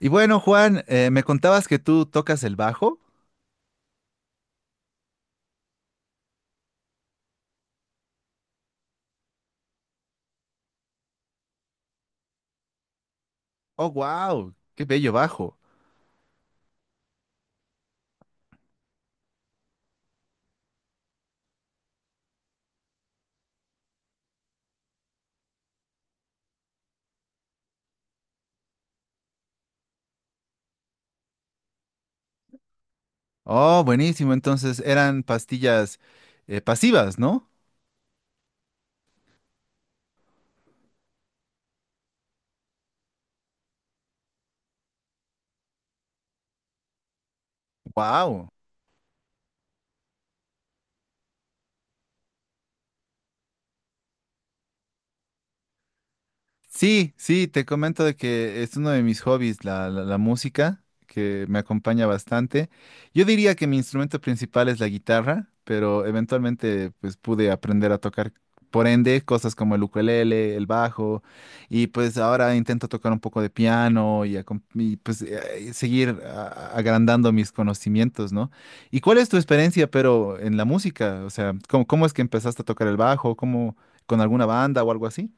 Y bueno, Juan, me contabas que tú tocas el bajo. Oh, wow, qué bello bajo. Oh, buenísimo. Entonces eran pastillas pasivas, ¿no? Wow. Sí, sí, te comento de que es uno de mis hobbies, la música, que me acompaña bastante. Yo diría que mi instrumento principal es la guitarra, pero eventualmente pues pude aprender a tocar, por ende, cosas como el ukelele, el bajo, y pues ahora intento tocar un poco de piano y, pues seguir agrandando mis conocimientos, ¿no? ¿Y cuál es tu experiencia, pero en la música? O sea, ¿cómo es que empezaste a tocar el bajo? ¿Cómo con alguna banda o algo así?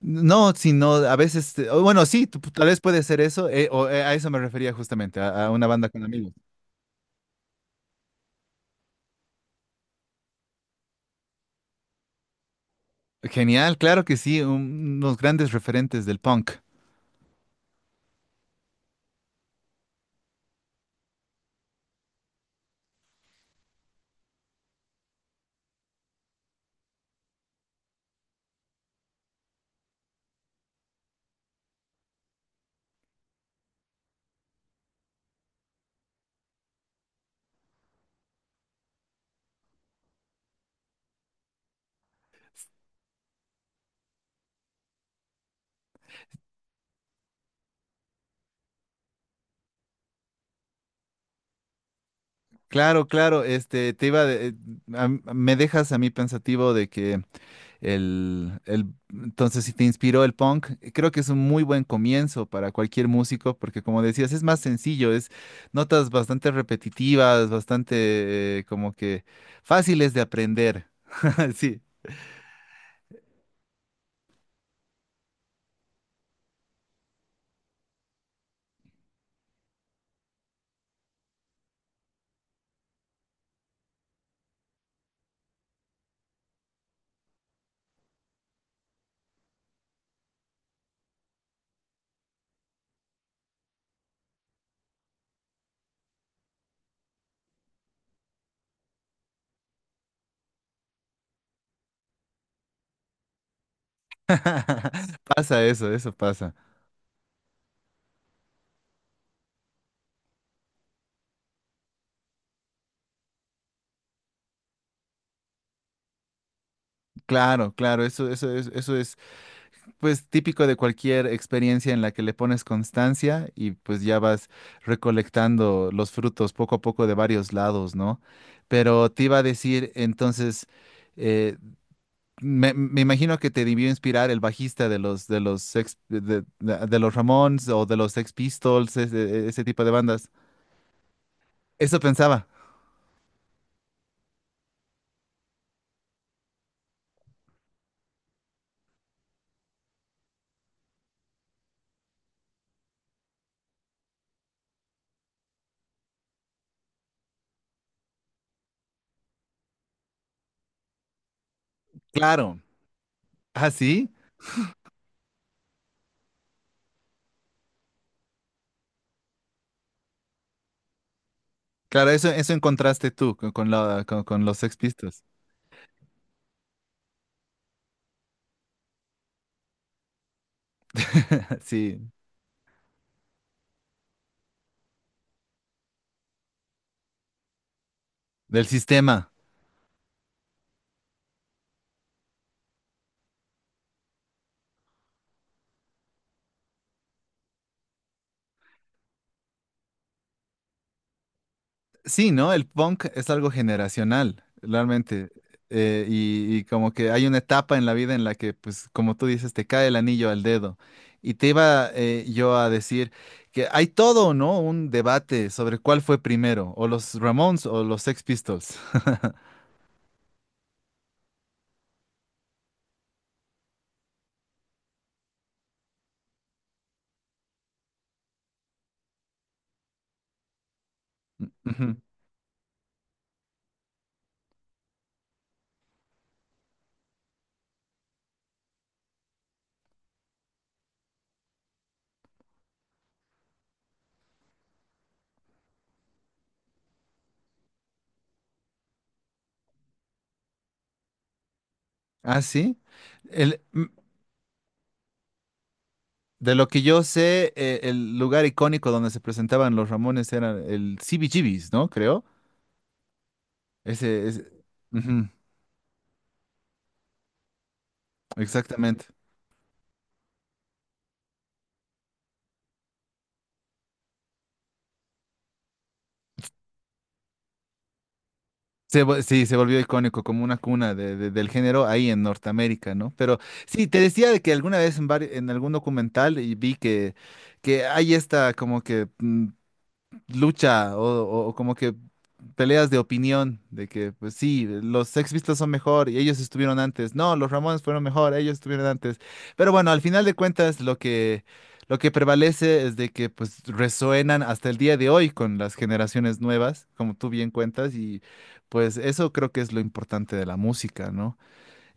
No, sino a veces, o bueno, sí, tal vez puede ser eso, o a eso me refería justamente, a una banda con amigos. Genial, claro que sí, unos grandes referentes del punk. Claro, claro, este, te iba, me dejas a mí pensativo de que el, entonces si te inspiró el punk, creo que es un muy buen comienzo para cualquier músico, porque como decías, es más sencillo, es notas bastante repetitivas, bastante, como que fáciles de aprender. Sí. Pasa eso, eso pasa. Claro, claro, eso es pues típico de cualquier experiencia en la que le pones constancia y pues ya vas recolectando los frutos poco a poco de varios lados, ¿no? Pero te iba a decir, entonces, eh, me imagino que te debió inspirar el bajista de los Ramones o de los Sex Pistols, ese tipo de bandas. Eso pensaba. Claro. ¿Ah, sí? Claro, eso encontraste tú con los Sex Pistols. Sí, del sistema. Sí, ¿no? El punk es algo generacional, realmente. Y como que hay una etapa en la vida en la que, pues, como tú dices, te cae el anillo al dedo. Y te iba yo a decir que hay todo, ¿no? Un debate sobre cuál fue primero, o los Ramones o los Sex Pistols. Ujú. Ah, sí. El, De lo que yo sé, el lugar icónico donde se presentaban los Ramones era el CBGB's, ¿no? Creo. Ese, ese- ujú, exactamente. Sí, se volvió icónico como una cuna del género ahí en Norteamérica, ¿no? Pero sí, te decía de que alguna vez en algún documental y vi que, hay esta como que lucha o como que peleas de opinión, de que pues sí, los Sex Pistols son mejor y ellos estuvieron antes. No, los Ramones fueron mejor, ellos estuvieron antes. Pero bueno, al final de cuentas lo que prevalece es de que pues resuenan hasta el día de hoy con las generaciones nuevas, como tú bien cuentas, y pues eso creo que es lo importante de la música, ¿no?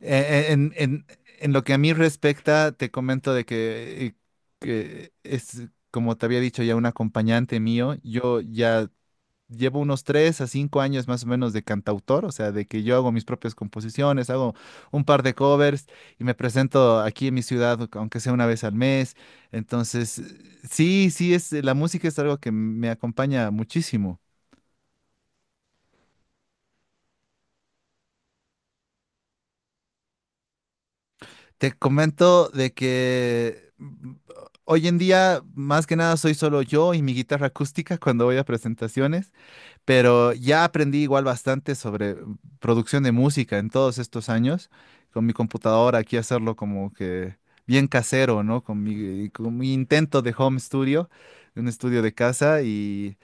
Eh, eh, En, en- en lo que a mí respecta, te comento de que es, como te había dicho ya, un acompañante mío. Yo ya llevo unos 3 a 5 años más o menos de cantautor, o sea, de que yo hago mis propias composiciones, hago un par de covers y me presento aquí en mi ciudad, aunque sea una vez al mes. Entonces, sí, sí, es, la música es algo que me acompaña muchísimo. Te comento de que hoy en día más que nada soy solo yo y mi guitarra acústica cuando voy a presentaciones, pero ya aprendí igual bastante sobre producción de música en todos estos años, con mi computadora aquí hacerlo como que bien casero, ¿no? Con mi intento de home studio, un estudio de casa y...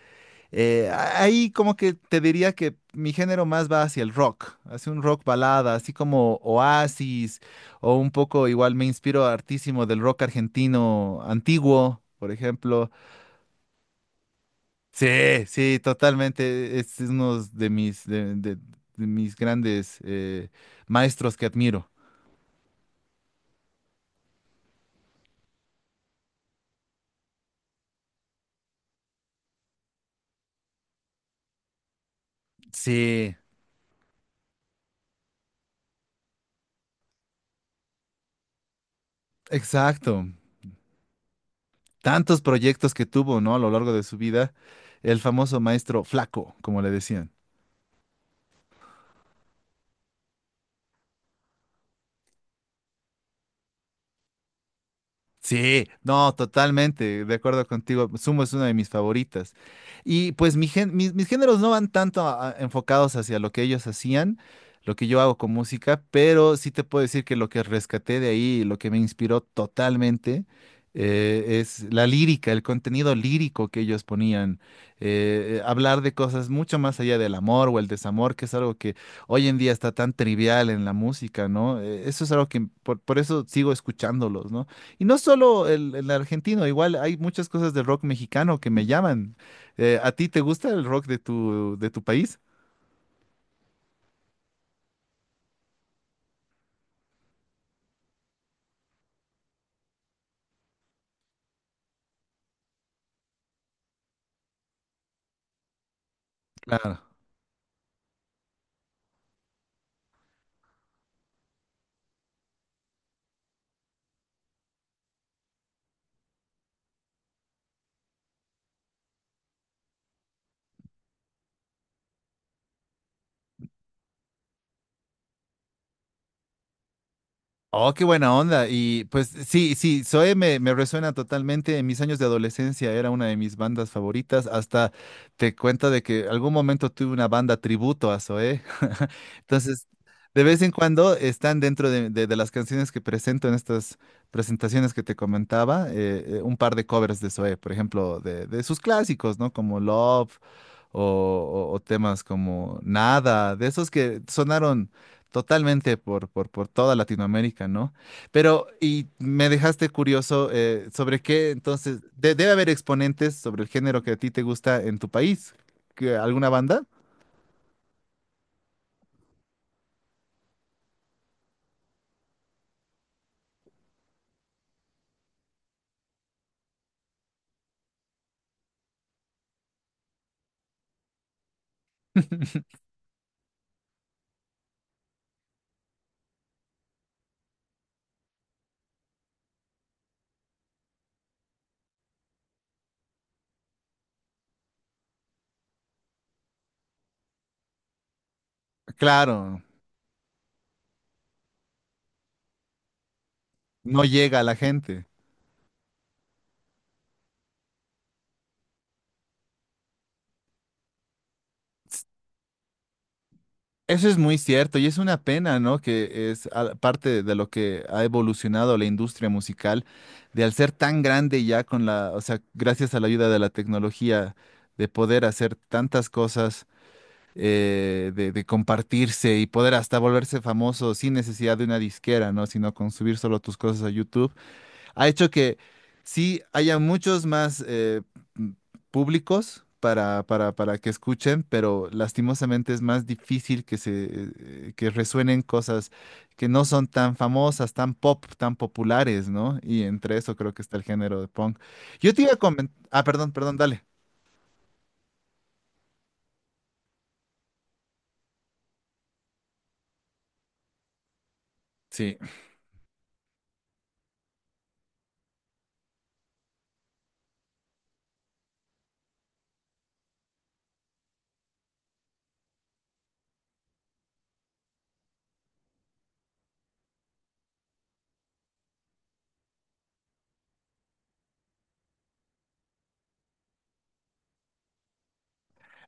Ahí como que te diría que mi género más va hacia el rock, hacia un rock balada, así como Oasis, o un poco igual me inspiro hartísimo del rock argentino antiguo, por ejemplo. Sí, sí, totalmente. Es uno de mis grandes maestros que admiro. Sí, exacto. Tantos proyectos que tuvo, ¿no? A lo largo de su vida, el famoso maestro Flaco, como le decían. Sí, no, totalmente, de acuerdo contigo. Sumo es una de mis favoritas. Y pues mis géneros no van tanto enfocados hacia lo que ellos hacían, lo que yo hago con música, pero sí te puedo decir que lo que rescaté de ahí, lo que me inspiró totalmente, es la lírica, el contenido lírico que ellos ponían. Hablar de cosas mucho más allá del amor o el desamor, que es algo que hoy en día está tan trivial en la música, ¿no? Eso es algo que por eso sigo escuchándolos, ¿no? Y no solo el argentino, igual hay muchas cosas del rock mexicano que me llaman. ¿A ti te gusta el rock de tu país? Claro. Oh, qué buena onda. Y pues sí, sí, Zoe me resuena totalmente. En mis años de adolescencia era una de mis bandas favoritas. Hasta te cuenta de que algún momento tuve una banda tributo a Zoe. Entonces, de vez en cuando están dentro de las canciones que presento en estas presentaciones que te comentaba, un par de covers de Zoe, por ejemplo, de sus clásicos, ¿no? Como Love o, o temas como Nada, de esos que sonaron totalmente por toda Latinoamérica, ¿no? Pero, y me dejaste curioso sobre qué, entonces, debe haber exponentes sobre el género que a ti te gusta en tu país. ¿Alguna banda? Claro, no llega a la gente. Eso es muy cierto y es una pena, ¿no? Que es parte de lo que ha evolucionado la industria musical, de al ser tan grande ya con la, o sea, gracias a la ayuda de la tecnología, de poder hacer tantas cosas, de compartirse y poder hasta volverse famoso sin necesidad de una disquera, ¿no? Sino con subir solo tus cosas a YouTube ha hecho que sí haya muchos más m- públicos para que escuchen, pero lastimosamente es más difícil que se que resuenen cosas que no son tan famosas, tan pop, tan populares, ¿no? Y entre eso creo que está el género de punk. Yo te iba a comentar, ah, perdón, perdón, dale. Sí,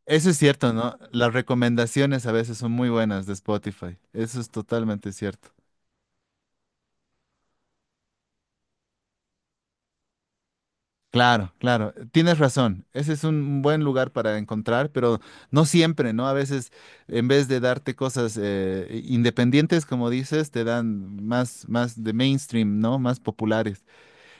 eso es cierto, ¿no? Las recomendaciones a veces son muy buenas de Spotify. Eso es totalmente cierto. Claro, claro, tienes razón. Ese es un buen lugar para encontrar, pero no siempre, ¿no? A veces, en vez de darte cosas independientes, como dices, te dan más, de mainstream, ¿no? Más populares.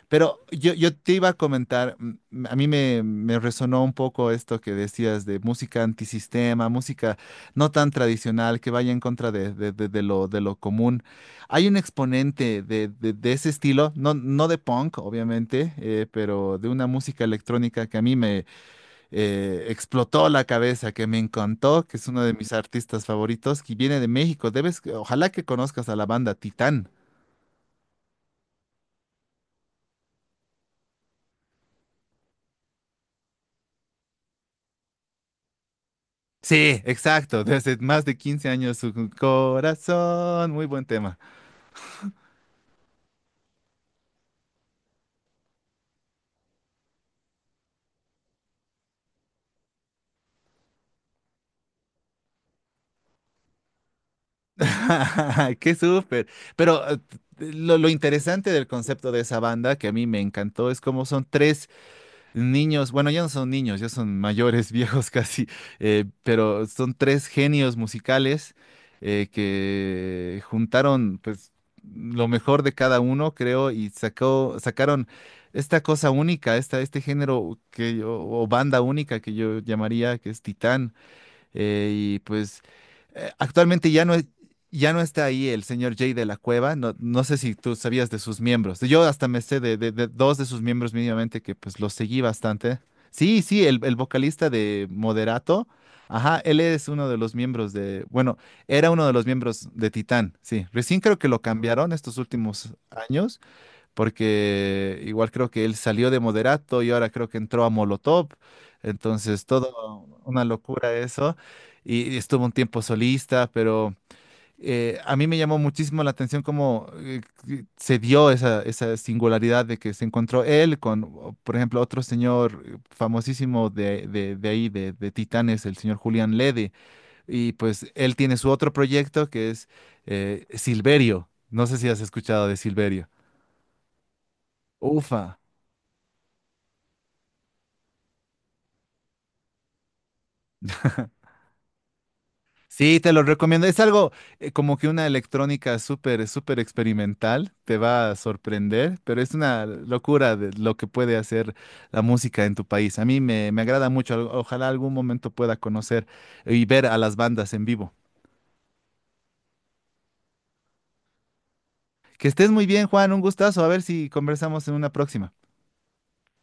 Pero yo te iba a comentar, a mí me resonó un poco esto que decías de música antisistema, música no tan tradicional, que vaya en contra de lo común. Hay un exponente de ese estilo, no, no de punk, obviamente, pero de una música electrónica que a mí me explotó la cabeza, que me encantó, que es uno de mis artistas favoritos, que viene de México. Debes, ojalá que conozcas a la banda Titán. Sí, exacto. Desde más de 15 años su corazón. Muy buen tema. Qué súper. Pero lo interesante del concepto de esa banda que a mí me encantó es cómo son tres niños, bueno, ya no son niños, ya son mayores, viejos casi, pero son tres genios musicales que juntaron pues lo mejor de cada uno, creo, y sacaron esta cosa única, este género que yo, o banda única que yo llamaría, que es Titán y pues actualmente ya no está ahí el señor Jay de la Cueva, no, no sé si tú sabías de sus miembros, yo hasta me sé de dos de sus miembros mínimamente que pues los seguí bastante. Sí, sí, el vocalista de Moderato, ajá, él es uno de los miembros de, bueno, era uno de los miembros de Titán, sí, recién creo que lo cambiaron estos últimos años porque igual creo que él salió de Moderato y ahora creo que entró a Molotov, entonces todo una locura eso, y estuvo un tiempo solista, pero a mí me llamó muchísimo la atención cómo que se dio esa singularidad de que se encontró él con, o, por ejemplo, otro señor famosísimo de ahí, de Titanes, el señor Julián Lede, y pues él tiene su otro proyecto que es Silverio, no sé si has escuchado de Silverio. Ufa. Sí, te lo recomiendo. Es algo como que una electrónica súper, súper experimental. Te va a sorprender, pero es una locura de lo que puede hacer la música en tu país. A mí me agrada mucho. Ojalá algún momento pueda conocer y ver a las bandas en vivo. Que estés muy bien, Juan. Un gustazo. A ver si conversamos en una próxima.